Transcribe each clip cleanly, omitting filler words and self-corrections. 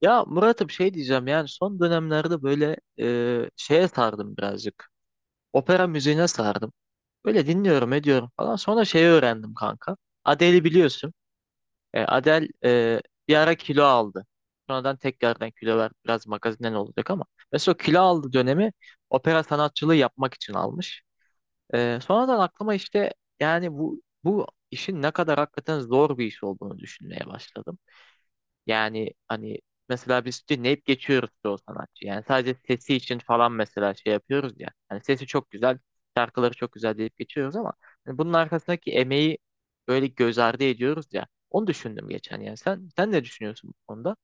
Ya Murat'ım şey diyeceğim yani son dönemlerde böyle şeye sardım birazcık. Opera müziğine sardım. Böyle dinliyorum ediyorum falan. Sonra şeyi öğrendim kanka. Adele'i biliyorsun. Adele bir ara kilo aldı. Sonradan tekrardan kilo verdi. Biraz magazinden olacak ama. Mesela o kilo aldı dönemi opera sanatçılığı yapmak için almış. Sonradan aklıma işte yani bu işin ne kadar hakikaten zor bir iş olduğunu düşünmeye başladım. Yani hani mesela biz dinleyip geçiyoruz çoğu sanatçı. Yani sadece sesi için falan mesela şey yapıyoruz ya. Hani sesi çok güzel, şarkıları çok güzel deyip geçiyoruz ama hani bunun arkasındaki emeği böyle göz ardı ediyoruz ya. Onu düşündüm geçen yani. Sen ne düşünüyorsun bu konuda?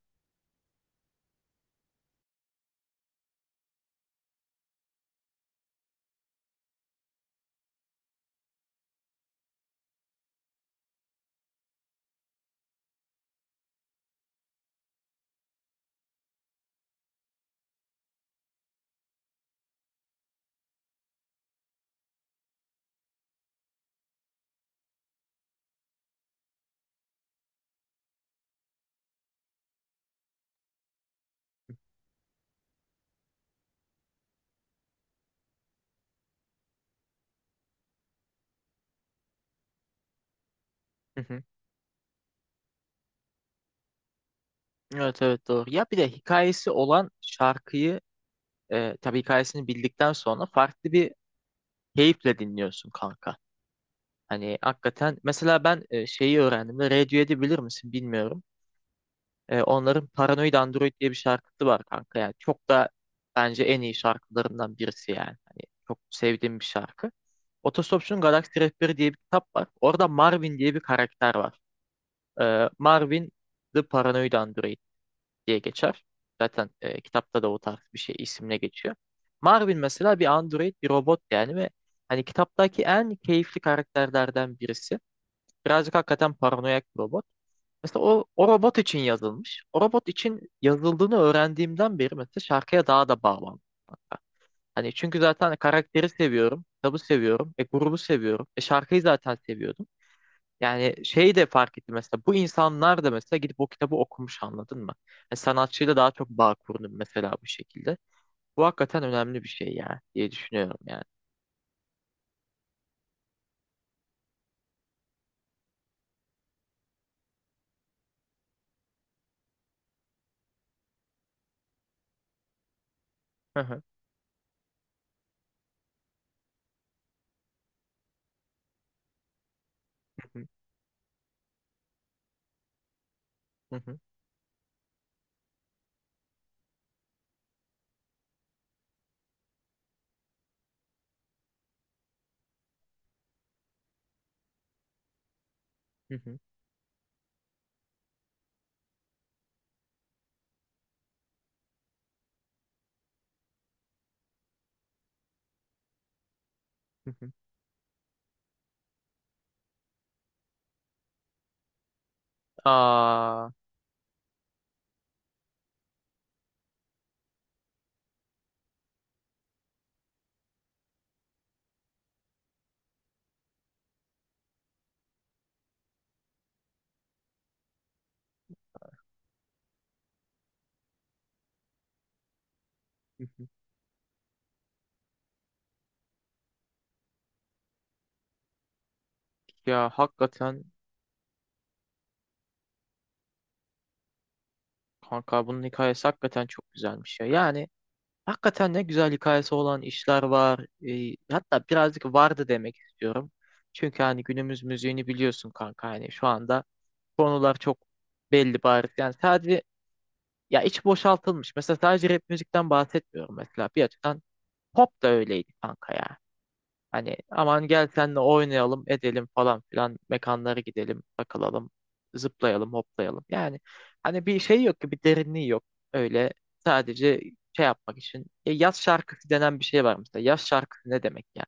Hı hı. Evet evet, doğru. Ya bir de hikayesi olan şarkıyı tabii hikayesini bildikten sonra farklı bir keyifle dinliyorsun kanka. Hani hakikaten mesela ben şeyi öğrendim de Radiohead'i bilir misin bilmiyorum. Onların Paranoid Android diye bir şarkısı var kanka. Yani çok da bence en iyi şarkılarından birisi yani. Hani çok sevdiğim bir şarkı. Otostopçunun Galaksi Rehberi diye bir kitap var. Orada Marvin diye bir karakter var. Marvin The Paranoid Android diye geçer. Zaten kitapta da o tarz bir şey isimle geçiyor. Marvin mesela bir android, bir robot yani ve hani kitaptaki en keyifli karakterlerden birisi. Birazcık hakikaten paranoyak bir robot. Mesela o robot için yazılmış. O robot için yazıldığını öğrendiğimden beri mesela şarkıya daha da bağlandım hatta. Hani çünkü zaten karakteri seviyorum, kitabı seviyorum, grubu seviyorum, şarkıyı zaten seviyordum. Yani şeyi de fark ettim mesela bu insanlar da mesela gidip o kitabı okumuş, anladın mı? Yani sanatçıyla daha çok bağ kurdum mesela bu şekilde. Bu hakikaten önemli bir şey ya diye düşünüyorum yani. Hı hı, hı hı, hı hı, hı hı, hı hı. Aa, hı hı. Ya hakikaten, kanka bunun hikayesi hakikaten çok güzelmiş ya. Yani hakikaten ne güzel hikayesi olan işler var. Hatta birazcık vardı demek istiyorum. Çünkü hani günümüz müziğini biliyorsun kanka. Hani şu anda konular çok belli, bariz. Yani sadece ya iç boşaltılmış. Mesela sadece rap müzikten bahsetmiyorum mesela. Bir açıdan pop da öyleydi kanka ya. Hani aman gel senle oynayalım edelim falan filan, mekanlara gidelim takılalım, zıplayalım hoplayalım. Yani hani bir şey yok ki, bir derinliği yok, öyle sadece şey yapmak için. Yaz şarkısı denen bir şey var mesela, yaz şarkısı ne demek ya?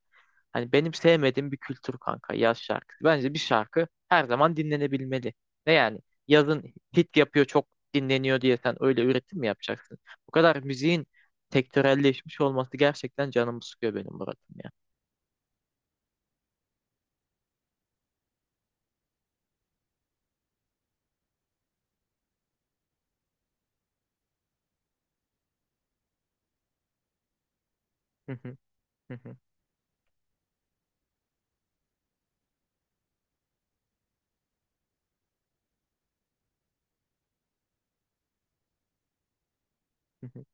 Hani benim sevmediğim bir kültür kanka yaz şarkısı. Bence bir şarkı her zaman dinlenebilmeli. Ne yani, yazın hit yapıyor, çok dinleniyor diye sen öyle üretim mi yapacaksın? Bu kadar müziğin sektörelleşmiş olması gerçekten canımı sıkıyor benim Murat'ım ya. Hı hı, hı hı,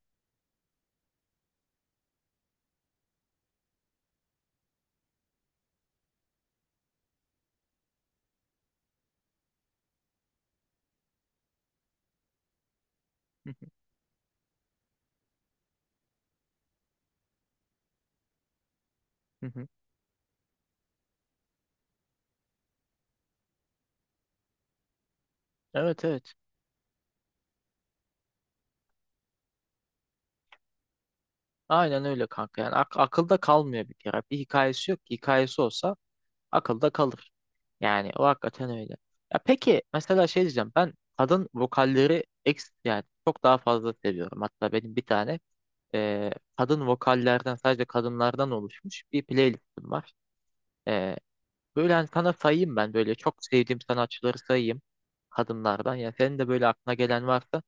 hı hı, hı hı. Evet evet. Aynen öyle kanka. Yani akılda kalmıyor bir kere. Bir hikayesi yok ki. Hikayesi olsa akılda kalır. Yani o hakikaten öyle. Ya peki mesela şey diyeceğim. Ben kadın vokalleri ex yani çok daha fazla seviyorum. Hatta benim bir tane e, kadın vokallerden, sadece kadınlardan oluşmuş bir playlistim var. E, Böyle hani sana sayayım, ben böyle çok sevdiğim sanatçıları sayayım kadınlardan. Ya senin de böyle aklına gelen varsa.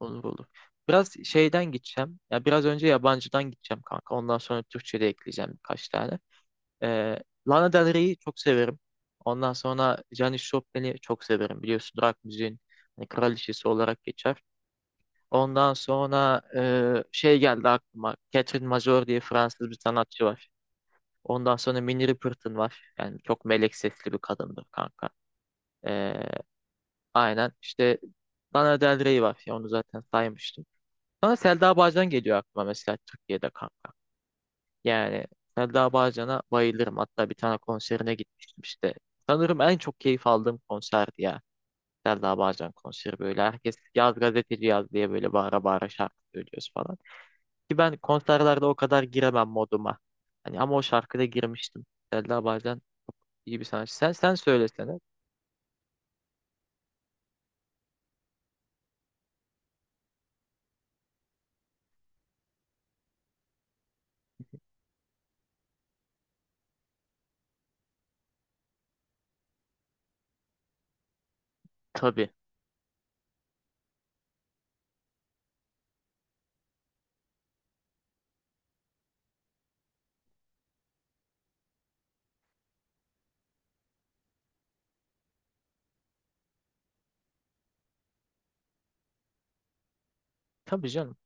Olur olur. Biraz şeyden gideceğim. Ya biraz önce yabancıdan gideceğim kanka. Ondan sonra Türkçe de ekleyeceğim birkaç tane. Ee, Lana Del Rey'i çok severim. Ondan sonra Janis Joplin'i çok severim. Biliyorsun rock müziğin hani kraliçesi olarak geçer. Ondan sonra şey geldi aklıma. Catherine Major diye Fransız bir sanatçı var. Ondan sonra Minnie Riperton var. Yani çok melek sesli bir kadındır kanka. Ee, aynen. İşte Lana Del Rey var. Ya onu zaten saymıştım. Sonra Selda Bağcan geliyor aklıma mesela, Türkiye'de kanka. Yani Selda Bağcan'a bayılırım. Hatta bir tane konserine gitmiştim işte. Sanırım en çok keyif aldığım konserdi ya. Selda Bağcan konseri böyle. Herkes yaz gazeteci yaz diye böyle bağıra bağıra şarkı söylüyoruz falan. Ki ben konserlerde o kadar giremem moduma. Hani ama o şarkıda girmiştim. Selda Bağcan çok iyi bir sanatçı. Sen söylesene. Tabii. Tabii canım.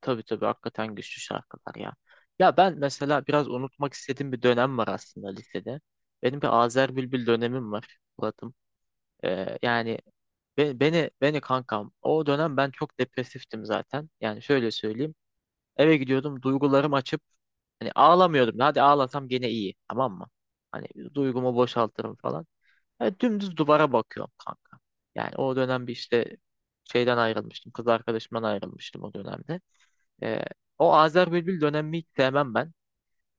Tabii tabii hakikaten güçlü şarkılar ya. Ya ben mesela biraz unutmak istediğim bir dönem var aslında lisede. Benim bir Azer Bülbül dönemim var Murat'ım. Yani beni kankam, o dönem ben çok depresiftim zaten. Yani şöyle söyleyeyim. Eve gidiyordum, duygularım açıp hani ağlamıyordum. Hadi ağlasam gene iyi, tamam mı? Hani duygumu boşaltırım falan. Yani dümdüz duvara bakıyorum kanka. Yani o dönem bir işte şeyden ayrılmıştım. Kız arkadaşımdan ayrılmıştım o dönemde. Ee, O Azer Bülbül dönemi hiç sevmem ben.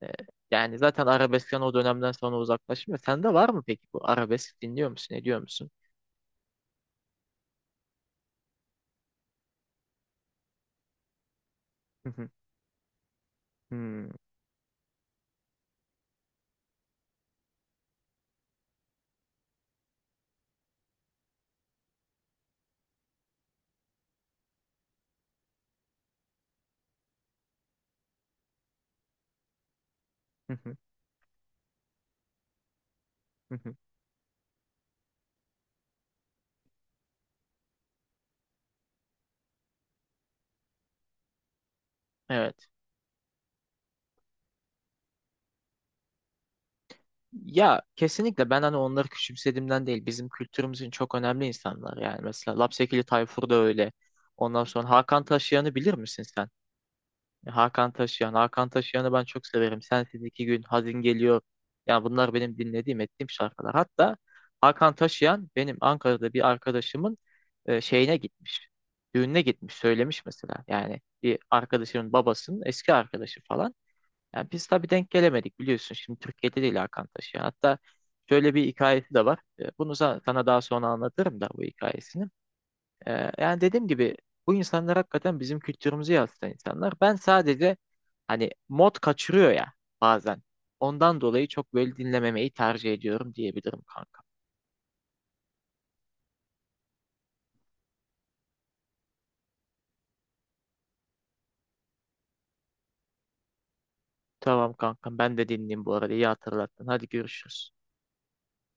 Ee, Yani zaten arabeskten o dönemden sonra uzaklaştım ya. Sende var mı peki, bu arabesk dinliyor musun, ediyor musun? Hı hı, hı, hı hı, hı hı. Evet. Ya kesinlikle, ben hani onları küçümsediğimden değil. Bizim kültürümüzün çok önemli insanlar yani. Mesela Lapsekili Tayfur da öyle. Ondan sonra Hakan Taşıyan'ı bilir misin sen? Hakan Taşıyan. Hakan Taşıyan'ı ben çok severim. Sensiz iki gün, Hazin geliyor. Yani bunlar benim dinlediğim, ettiğim şarkılar. Hatta Hakan Taşıyan benim Ankara'da bir arkadaşımın şeyine gitmiş. Düğününe gitmiş, söylemiş mesela. Yani bir arkadaşımın babasının eski arkadaşı falan. Yani biz tabii denk gelemedik biliyorsun. Şimdi Türkiye'de değil Hakan Taşıyan. Hatta şöyle bir hikayesi de var. Bunu sana daha sonra anlatırım da bu hikayesini. Yani dediğim gibi bu insanlar hakikaten bizim kültürümüzü yansıtan insanlar. Ben sadece hani mod kaçırıyor ya bazen. Ondan dolayı çok böyle dinlememeyi tercih ediyorum diyebilirim kanka. Tamam kankam, ben de dinleyeyim, bu arada iyi hatırlattın. Hadi görüşürüz.